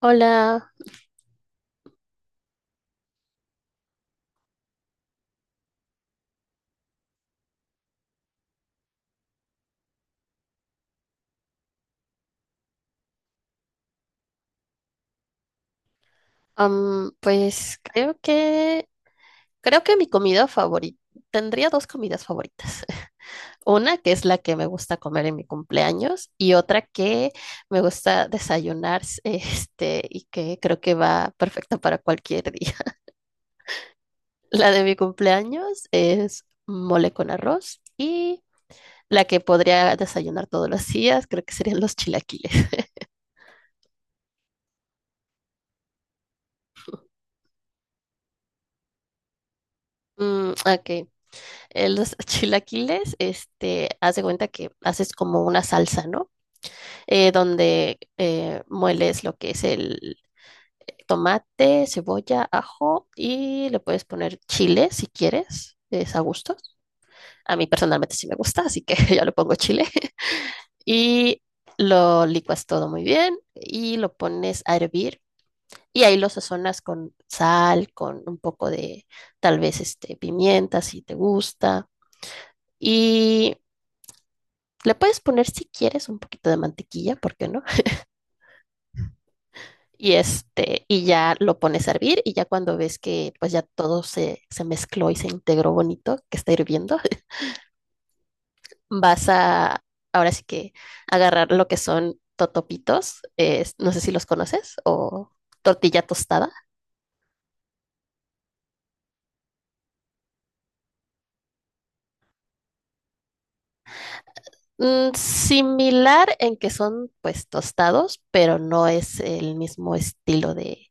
Hola, pues creo que mi comida favorita tendría dos comidas favoritas. Una que es la que me gusta comer en mi cumpleaños y otra que me gusta desayunar, y que creo que va perfecta para cualquier día. La de mi cumpleaños es mole con arroz y la que podría desayunar todos los días creo que serían los chilaquiles. Mm, ok, los chilaquiles, este, haz de cuenta que haces como una salsa, ¿no? Donde mueles lo que es el tomate, cebolla, ajo y le puedes poner chile si quieres, es a gusto. A mí personalmente sí me gusta, así que yo le pongo chile. Y lo licuas todo muy bien y lo pones a hervir. Y ahí lo sazonas con sal, con un poco de tal vez este, pimienta si te gusta. Y le puedes poner si quieres un poquito de mantequilla, ¿por qué no? Y este, y ya lo pones a hervir y ya cuando ves que pues ya todo se mezcló y se integró bonito, que está hirviendo, vas a ahora sí que agarrar lo que son totopitos, no sé si los conoces, o tortilla tostada. Mm, similar en que son pues tostados, pero no es el mismo estilo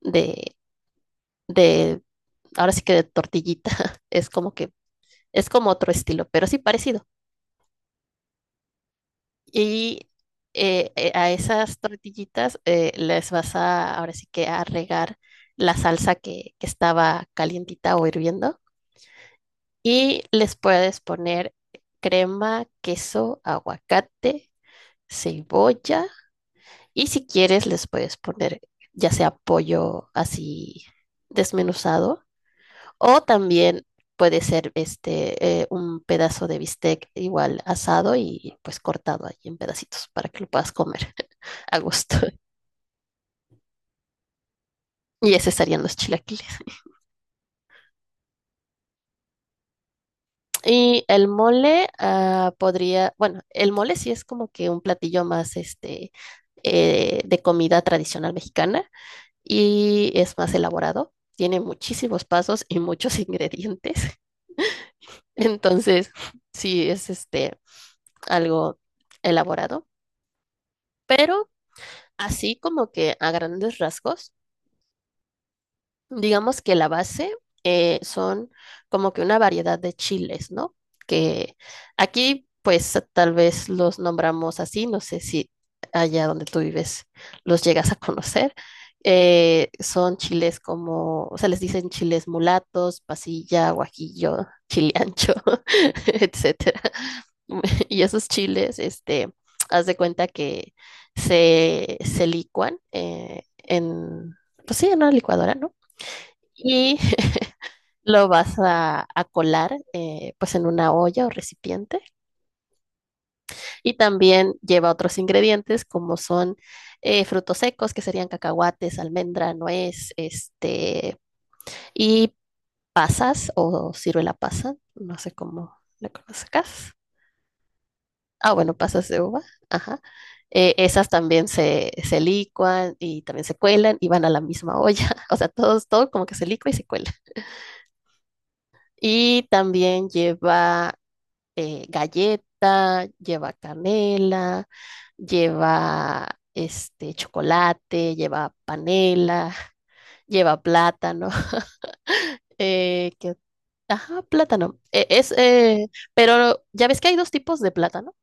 de, de, ahora sí que de tortillita, es como que, es como otro estilo, pero sí parecido. Y a esas tortillitas les ahora sí que a regar la salsa que estaba calientita o hirviendo. Y les puedes poner crema, queso, aguacate, cebolla. Y si quieres, les puedes poner ya sea pollo así desmenuzado o también puede ser un pedazo de bistec igual asado y pues cortado ahí en pedacitos para que lo puedas comer a gusto. Y ese serían los chilaquiles. Y el mole ah, podría, bueno, el mole sí es como que un platillo más de comida tradicional mexicana y es más elaborado. Tiene muchísimos pasos y muchos ingredientes. Entonces, sí es este algo elaborado, pero así como que a grandes rasgos, digamos que la base son como que una variedad de chiles, ¿no? Que aquí, pues tal vez los nombramos así, no sé si allá donde tú vives los llegas a conocer. Son chiles como, o sea, les dicen chiles mulatos, pasilla, guajillo, chile ancho, etcétera. Y esos chiles, este, haz de cuenta que se licuan pues sí, en una licuadora, ¿no? Y a colar pues en una olla o recipiente y también lleva otros ingredientes como son frutos secos que serían cacahuates, almendra, nuez, este y pasas o ciruela pasa, no sé cómo la conozcas. Ah, bueno, pasas de uva, ajá. Esas también se licuan y también se cuelan y van a la misma olla. O sea, todo como que se licua y se cuela. Y también lleva galleta, lleva canela, lleva este chocolate, lleva panela, lleva plátano, que, ajá, plátano. Pero ya ves que hay dos tipos de plátano,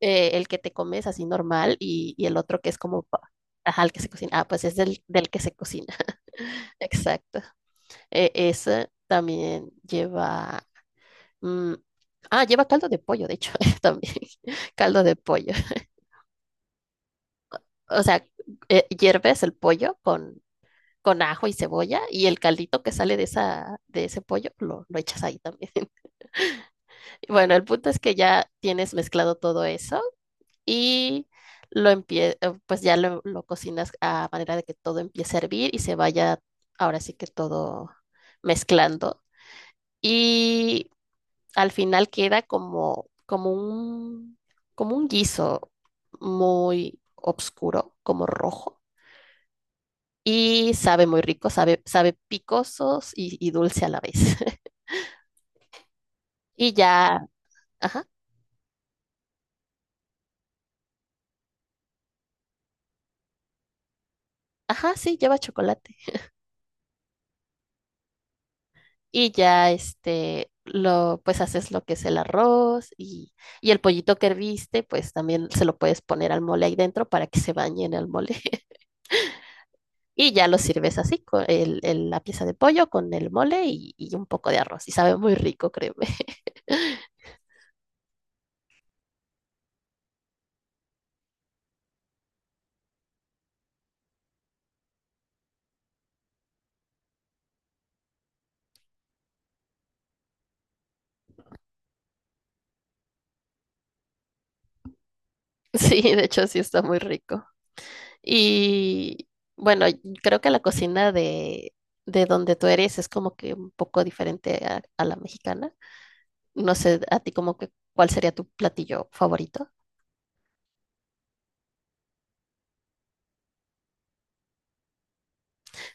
el que te comes así normal y el otro que es como, ajá, el que se cocina. Ah, pues es del que se cocina. Exacto. Ese también lleva, mm, ah, lleva caldo de pollo, de hecho, también, caldo de pollo. O sea, hierves el pollo con ajo y cebolla y el caldito que sale de ese pollo lo echas ahí también. Bueno, el punto es que ya tienes mezclado todo eso y lo empie pues ya lo cocinas a manera de que todo empiece a hervir y se vaya ahora sí que todo mezclando. Y al final queda como un guiso muy oscuro, como rojo y sabe muy rico, sabe picosos y dulce a la vez. Y ya, ajá, ajá, sí, lleva chocolate. Y ya, este, lo, pues haces lo que es el arroz y el pollito que herviste, pues también se lo puedes poner al mole ahí dentro para que se bañe en el mole. Y ya lo sirves así, con el, la pieza de pollo con el mole y un poco de arroz. Y sabe muy rico, créeme. Sí, de hecho sí está muy rico. Y bueno, y creo que la cocina de donde tú eres es como que un poco diferente a la mexicana. No sé, a ti como que cuál sería tu platillo favorito.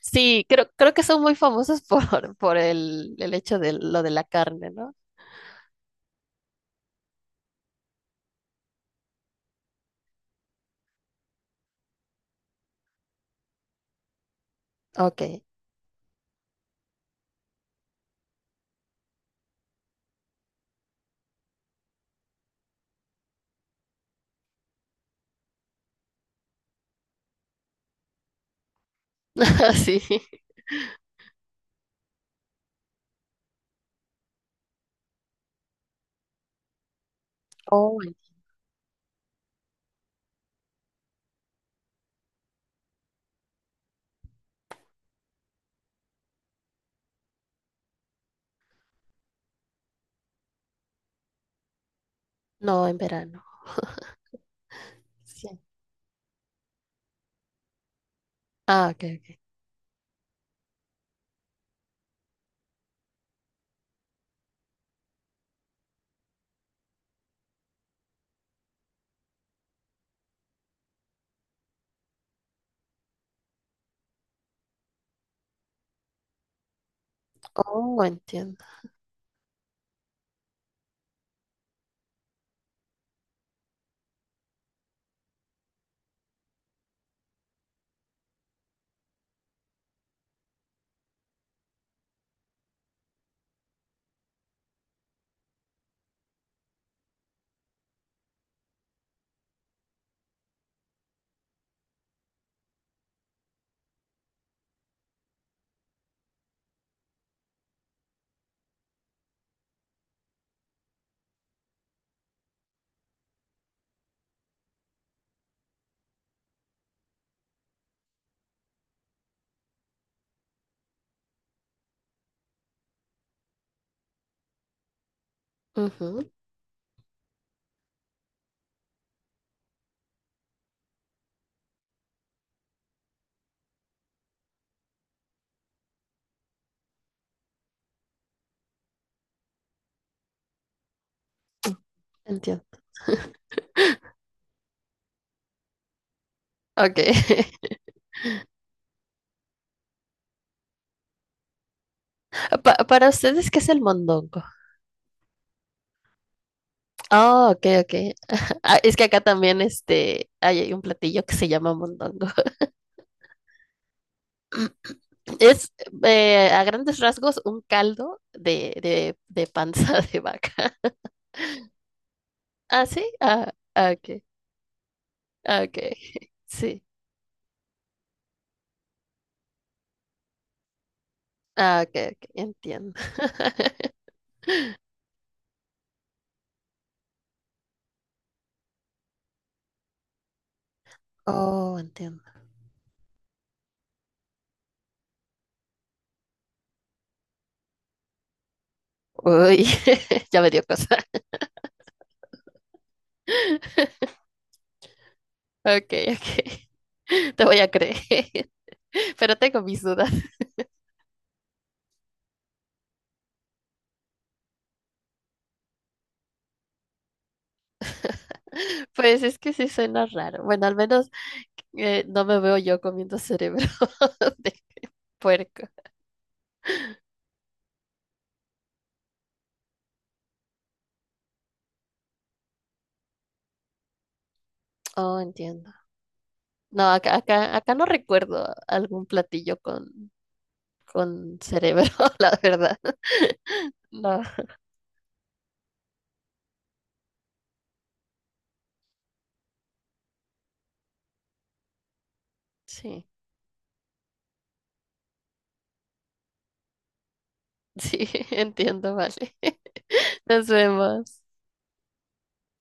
Sí, creo que son muy famosos por el hecho de lo de la carne, ¿no? Ok. Sí. Oh, no, en verano. Sí. Ah, ok, ok. Oh, entiendo. Ujú, entiendo. Ok. Para ustedes, ¿qué es el mondongo? Oh, ok, ok. Ah, es que acá también este, hay un platillo que se llama mondongo. Es a grandes rasgos un caldo de panza de vaca. ¿Ah, sí? Ah, ah, ok, ah, ok. Sí. Ah, ok, ok, entiendo. Oh, entiendo. Uy, ya me dio cosa. Ok, ok. Te voy a creer, pero tengo mis dudas. Pues es que sí suena raro. Bueno, al menos no me veo yo comiendo cerebro de puerco. Oh, entiendo. No, acá, acá, acá no recuerdo algún platillo con cerebro, la verdad. No, sí, sí, entiendo, vale. Nos vemos.